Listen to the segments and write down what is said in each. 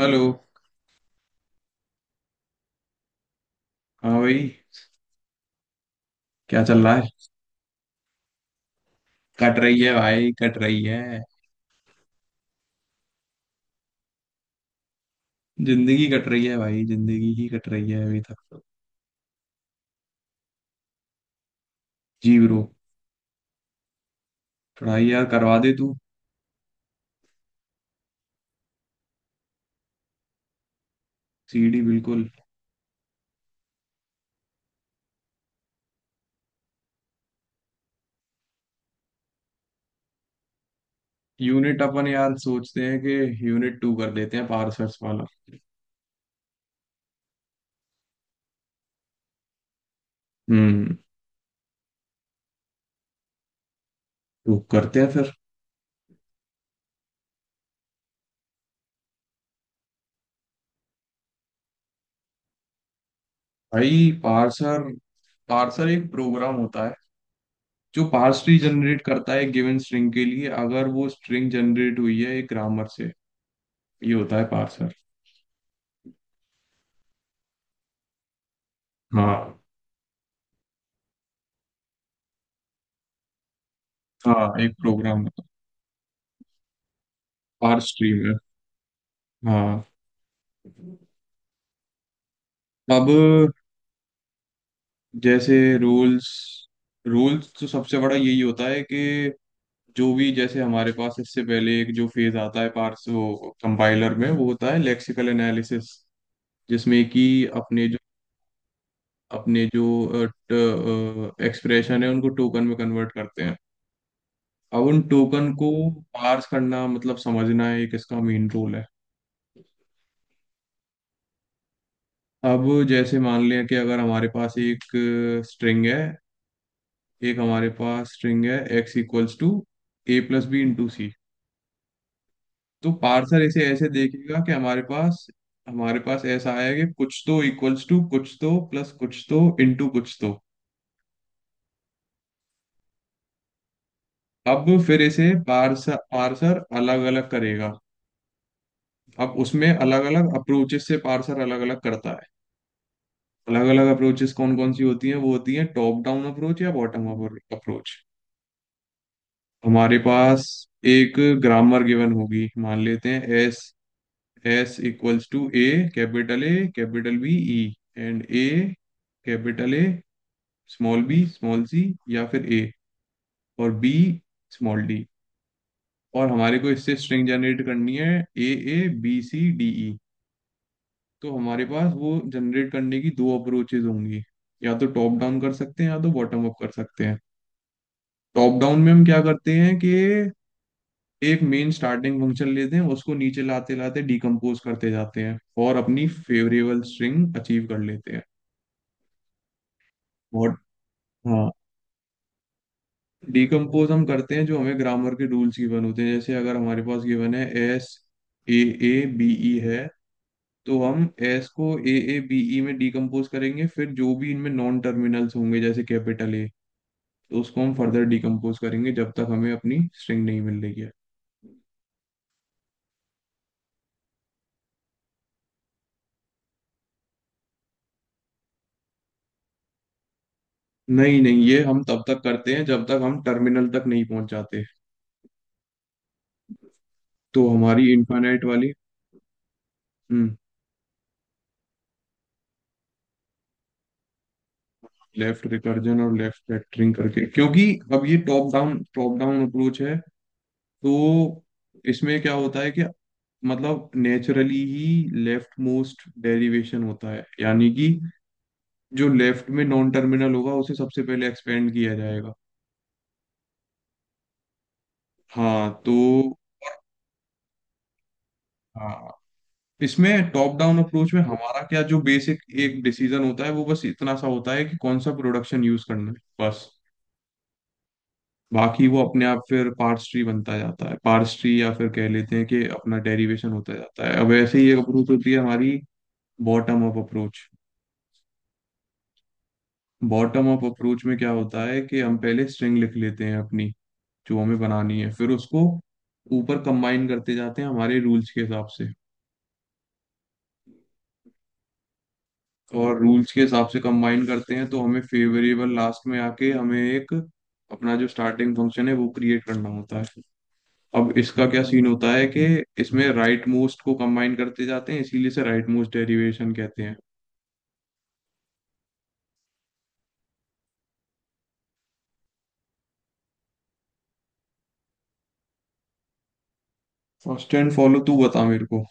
Hello. हाँ भाई, क्या चल रहा है? कट रही है भाई, कट रही है। जिंदगी कट रही है भाई, जिंदगी ही कट रही है अभी तक तो। जी ब्रो। पढ़ाई यार करवा दे तू। सीडी बिल्कुल। यूनिट अपन यार सोचते हैं कि यूनिट टू कर देते हैं, पार्सर्स वाला। हम्म। तो करते हैं फिर। भाई पार्सर, पार्सर एक प्रोग्राम होता है जो पार्स ट्री जनरेट करता है गिवन स्ट्रिंग के लिए, अगर वो स्ट्रिंग जनरेट हुई है एक ग्रामर से। ये होता है पार्सर। हाँ। हाँ, एक प्रोग्राम। आर स्ट्रीम है। हाँ। अब जैसे रूल्स, रूल्स तो सबसे बड़ा यही होता है कि जो भी जैसे हमारे पास इससे पहले एक जो फेज आता है पार्स, वो कंपाइलर में वो होता है लेक्सिकल एनालिसिस, जिसमें कि अपने जो अपने जो एक्सप्रेशन है उनको टोकन में कन्वर्ट करते हैं। अब उन टोकन को पार्स करना मतलब समझना है, एक इसका मेन रोल है। अब जैसे मान लें कि अगर हमारे पास एक स्ट्रिंग है, एक हमारे पास स्ट्रिंग है, X equals to A plus B into C. तो पार्सर इसे ऐसे देखेगा कि हमारे पास ऐसा आया कि कुछ तो इक्वल्स टू, कुछ तो प्लस, कुछ तो इंटू, कुछ तो। अब फिर इसे पार्सर, पार्सर अलग अलग करेगा। अब उसमें अलग अलग अप्रोचेस से पार्सर अलग अलग करता है। अलग अलग अप्रोचेस कौन कौन सी होती हैं, वो होती हैं टॉप डाउन अप्रोच या बॉटम अप अप्रोच। हमारे पास एक ग्रामर गिवन होगी, मान लेते हैं S. S equals to A, capital B, E and A, capital A, small b, small c, या फिर A और B, small d। और हमारे को इससे स्ट्रिंग जनरेट करनी है A A B C D E। तो हमारे पास वो जनरेट करने की दो अप्रोचेज होंगी, या तो टॉप डाउन कर सकते हैं या तो बॉटम अप कर सकते हैं। टॉप डाउन में हम क्या करते हैं कि एक मेन स्टार्टिंग फंक्शन लेते हैं, उसको नीचे लाते लाते डिकम्पोज करते जाते हैं और अपनी फेवरेबल स्ट्रिंग अचीव कर लेते हैं। मॉड। हाँ, डिकम्पोज हम करते हैं जो हमें ग्रामर के रूल्स गिवन होते हैं, जैसे अगर हमारे पास गिवन है S, A A B E है, तो हम एस को ए ए बी ई में डिकम्पोज करेंगे, फिर जो भी इनमें नॉन टर्मिनल्स होंगे जैसे कैपिटल ए, तो उसको हम फर्दर डिकम्पोज करेंगे जब तक हमें अपनी स्ट्रिंग नहीं मिल रही है। नहीं नहीं, ये हम तब तक करते हैं जब तक हम टर्मिनल तक नहीं पहुंच जाते। तो हमारी इनफाइनाइट वाली। हम्म। लेफ्ट रिकर्जन और लेफ्ट फैक्टरिंग करके, क्योंकि अब ये टॉप डाउन अप्रोच है, तो इसमें क्या होता है कि मतलब नेचुरली ही लेफ्ट मोस्ट डेरिवेशन होता है यानी कि जो लेफ्ट में नॉन टर्मिनल होगा उसे सबसे पहले एक्सपेंड किया जाएगा। हाँ तो। हाँ, इसमें टॉप डाउन अप्रोच में हमारा क्या जो बेसिक एक डिसीजन होता है, वो बस इतना सा होता है कि कौन सा प्रोडक्शन यूज करना है, बस। बाकी वो अपने आप फिर पार्स ट्री बनता जाता है, पार्स ट्री, या फिर कह लेते हैं कि अपना डेरिवेशन होता जाता है। अब ऐसे ही एक अप्रोच होती है हमारी, bottom up approach. Bottom up approach में क्या होता है कि हम पहले स्ट्रिंग लिख लेते हैं अपनी, जो हमें बनानी है, फिर उसको ऊपर कंबाइन करते जाते हैं हमारे रूल्स के हिसाब से। और रूल्स के हिसाब से कंबाइन करते हैं तो हमें फेवरेबल लास्ट में आके हमें एक अपना जो स्टार्टिंग फंक्शन है वो क्रिएट करना होता है। अब इसका क्या सीन होता है कि इसमें राइट मोस्ट को कंबाइन करते जाते हैं, इसीलिए से राइट मोस्ट डेरिवेशन कहते हैं। फर्स्ट एंड फॉलो तू बता मेरे को।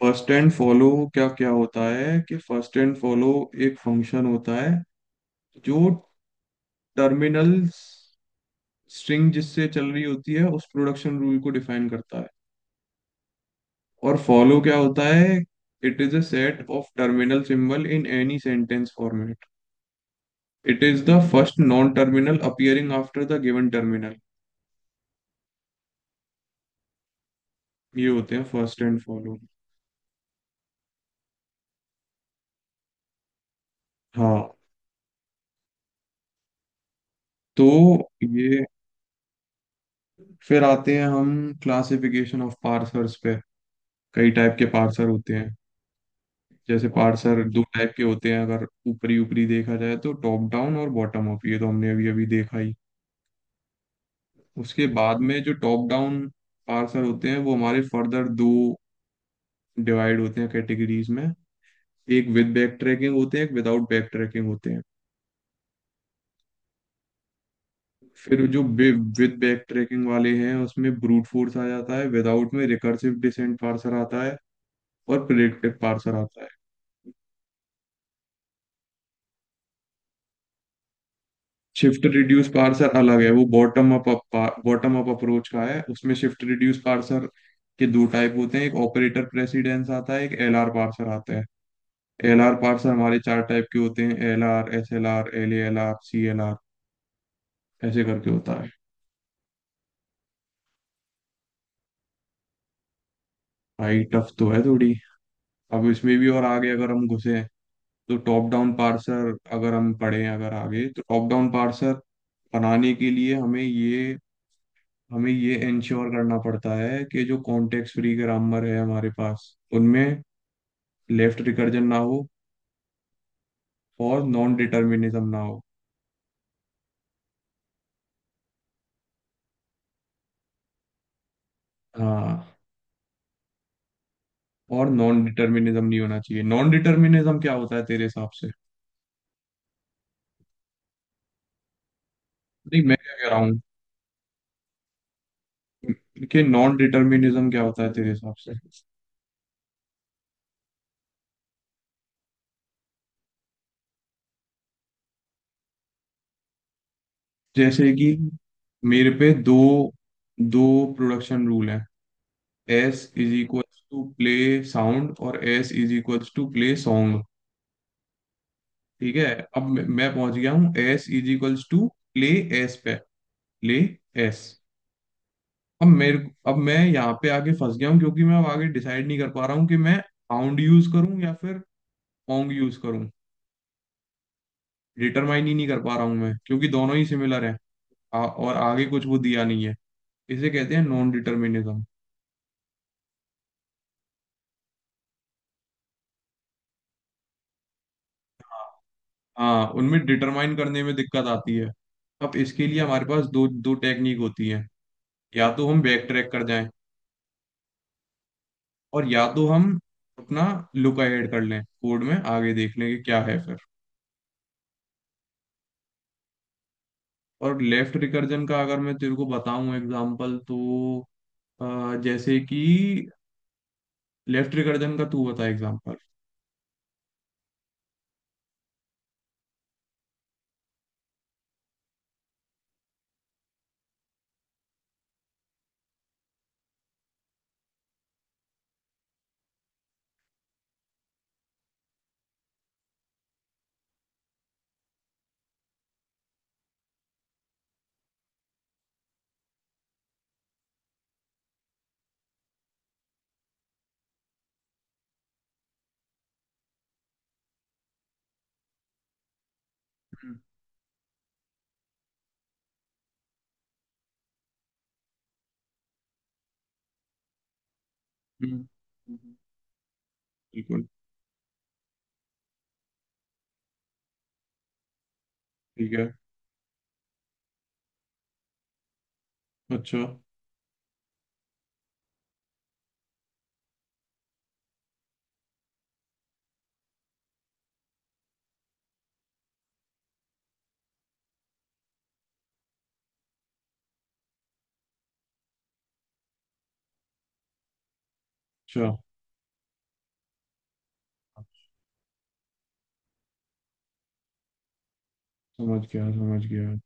फर्स्ट एंड फॉलो क्या क्या होता है कि फर्स्ट एंड फॉलो एक फंक्शन होता है जो टर्मिनल स्ट्रिंग जिससे चल रही होती है उस प्रोडक्शन रूल को डिफाइन करता है। और फॉलो क्या होता है? It is a set of terminal symbol in any sentence format. It is the first non terminal appearing after the given terminal. ये होते हैं फर्स्ट एंड फॉलो। हाँ तो ये फिर आते हैं हम क्लासिफिकेशन ऑफ पार्सर्स पे। कई टाइप के पार्सर होते हैं, जैसे पार्सर दो टाइप के होते हैं अगर ऊपरी ऊपरी देखा जाए तो, टॉप डाउन और बॉटम अप, ये तो हमने अभी अभी देखा ही। उसके बाद में जो टॉप डाउन पार्सर होते हैं वो हमारे फर्दर दो डिवाइड होते हैं कैटेगरीज में, एक विद बैक ट्रैकिंग होते हैं, एक विदाउट बैक ट्रैकिंग होते हैं। फिर जो विद बैक ट्रैकिंग वाले हैं उसमें ब्रूट फोर्स आ जाता है, विदाउट में रिकर्सिव डिसेंट पार्सर आता है और प्रिडिक्टिव पार्सर आता है। शिफ्ट रिड्यूस पार्सर अलग है, वो bottom up, bottom up approach का है। उसमें शिफ्ट रिड्यूस पार्सर के दो टाइप होते हैं, एक ऑपरेटर प्रेसिडेंस आता है, एक एलआर पार्सर आता है। एलआर पार्सर हमारे चार टाइप के होते हैं, एलआर एसएलआर एलएलआर सीएलआर, ऐसे करके होता है। भाई टफ तो है थोड़ी। अब इसमें भी और आगे अगर हम घुसे, तो टॉप डाउन पार्सर अगर हम पढ़ें अगर आगे, तो टॉप डाउन पार्सर बनाने के लिए हमें ये इंश्योर करना पड़ता है कि जो कॉन्टेक्स्ट फ्री ग्रामर है हमारे पास, उनमें लेफ्ट रिकर्जन ना हो और नॉन डिटर्मिनिज्म ना हो। हाँ, और नॉन डिटर्मिनिज्म नहीं होना चाहिए। नॉन डिटर्मिनिज्म क्या होता है तेरे हिसाब से? नहीं, मैं क्या कह रहा हूँ कि नॉन डिटर्मिनिज्म क्या होता है तेरे हिसाब से? जैसे कि मेरे पे दो दो प्रोडक्शन रूल है, S is equals to play sound और S is equals to play song. ठीक है। अब मैं पहुंच गया हूँ एस इज इक्वल्स टू ले, एस पे ले एस। अब मेरे, अब मैं यहाँ पे आगे फंस गया हूँ क्योंकि मैं अब आगे डिसाइड नहीं कर पा रहा हूँ कि मैं पाउंड यूज करूँ या फिर पोंग यूज करूँ। डिटरमाइन ही नहीं कर पा रहा हूँ मैं, क्योंकि दोनों ही सिमिलर हैं। और आगे कुछ वो दिया नहीं है। इसे कहते हैं नॉन डिटर्मिनिज्म। हाँ, उनमें डिटरमाइन करने में दिक्कत आती है। अब इसके लिए हमारे पास दो दो टेक्निक होती है, या तो हम बैक ट्रैक कर जाएं, और या तो हम अपना लुक ऐड कर लें कोड में, आगे देख लें कि क्या है फिर। और लेफ्ट रिकर्जन का अगर मैं तेरे को बताऊं एग्जांपल तो जैसे कि, लेफ्ट रिकर्जन का तू बता एग्जांपल। हम्म, हम्म, हम्म। बिल्कुल ठीक है। अच्छा। अच्छा, समझ गया समझ गया।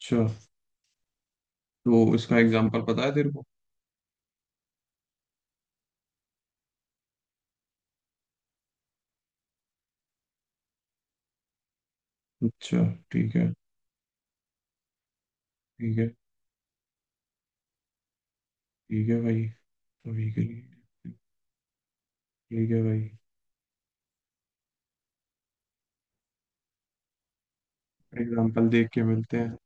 अच्छा, तो इसका एग्जांपल पता है तेरे को? अच्छा, ठीक है। ठीक है। ठीक है भाई, अभी के लिए। ठीक है भाई, एग्जांपल देख के मिलते हैं।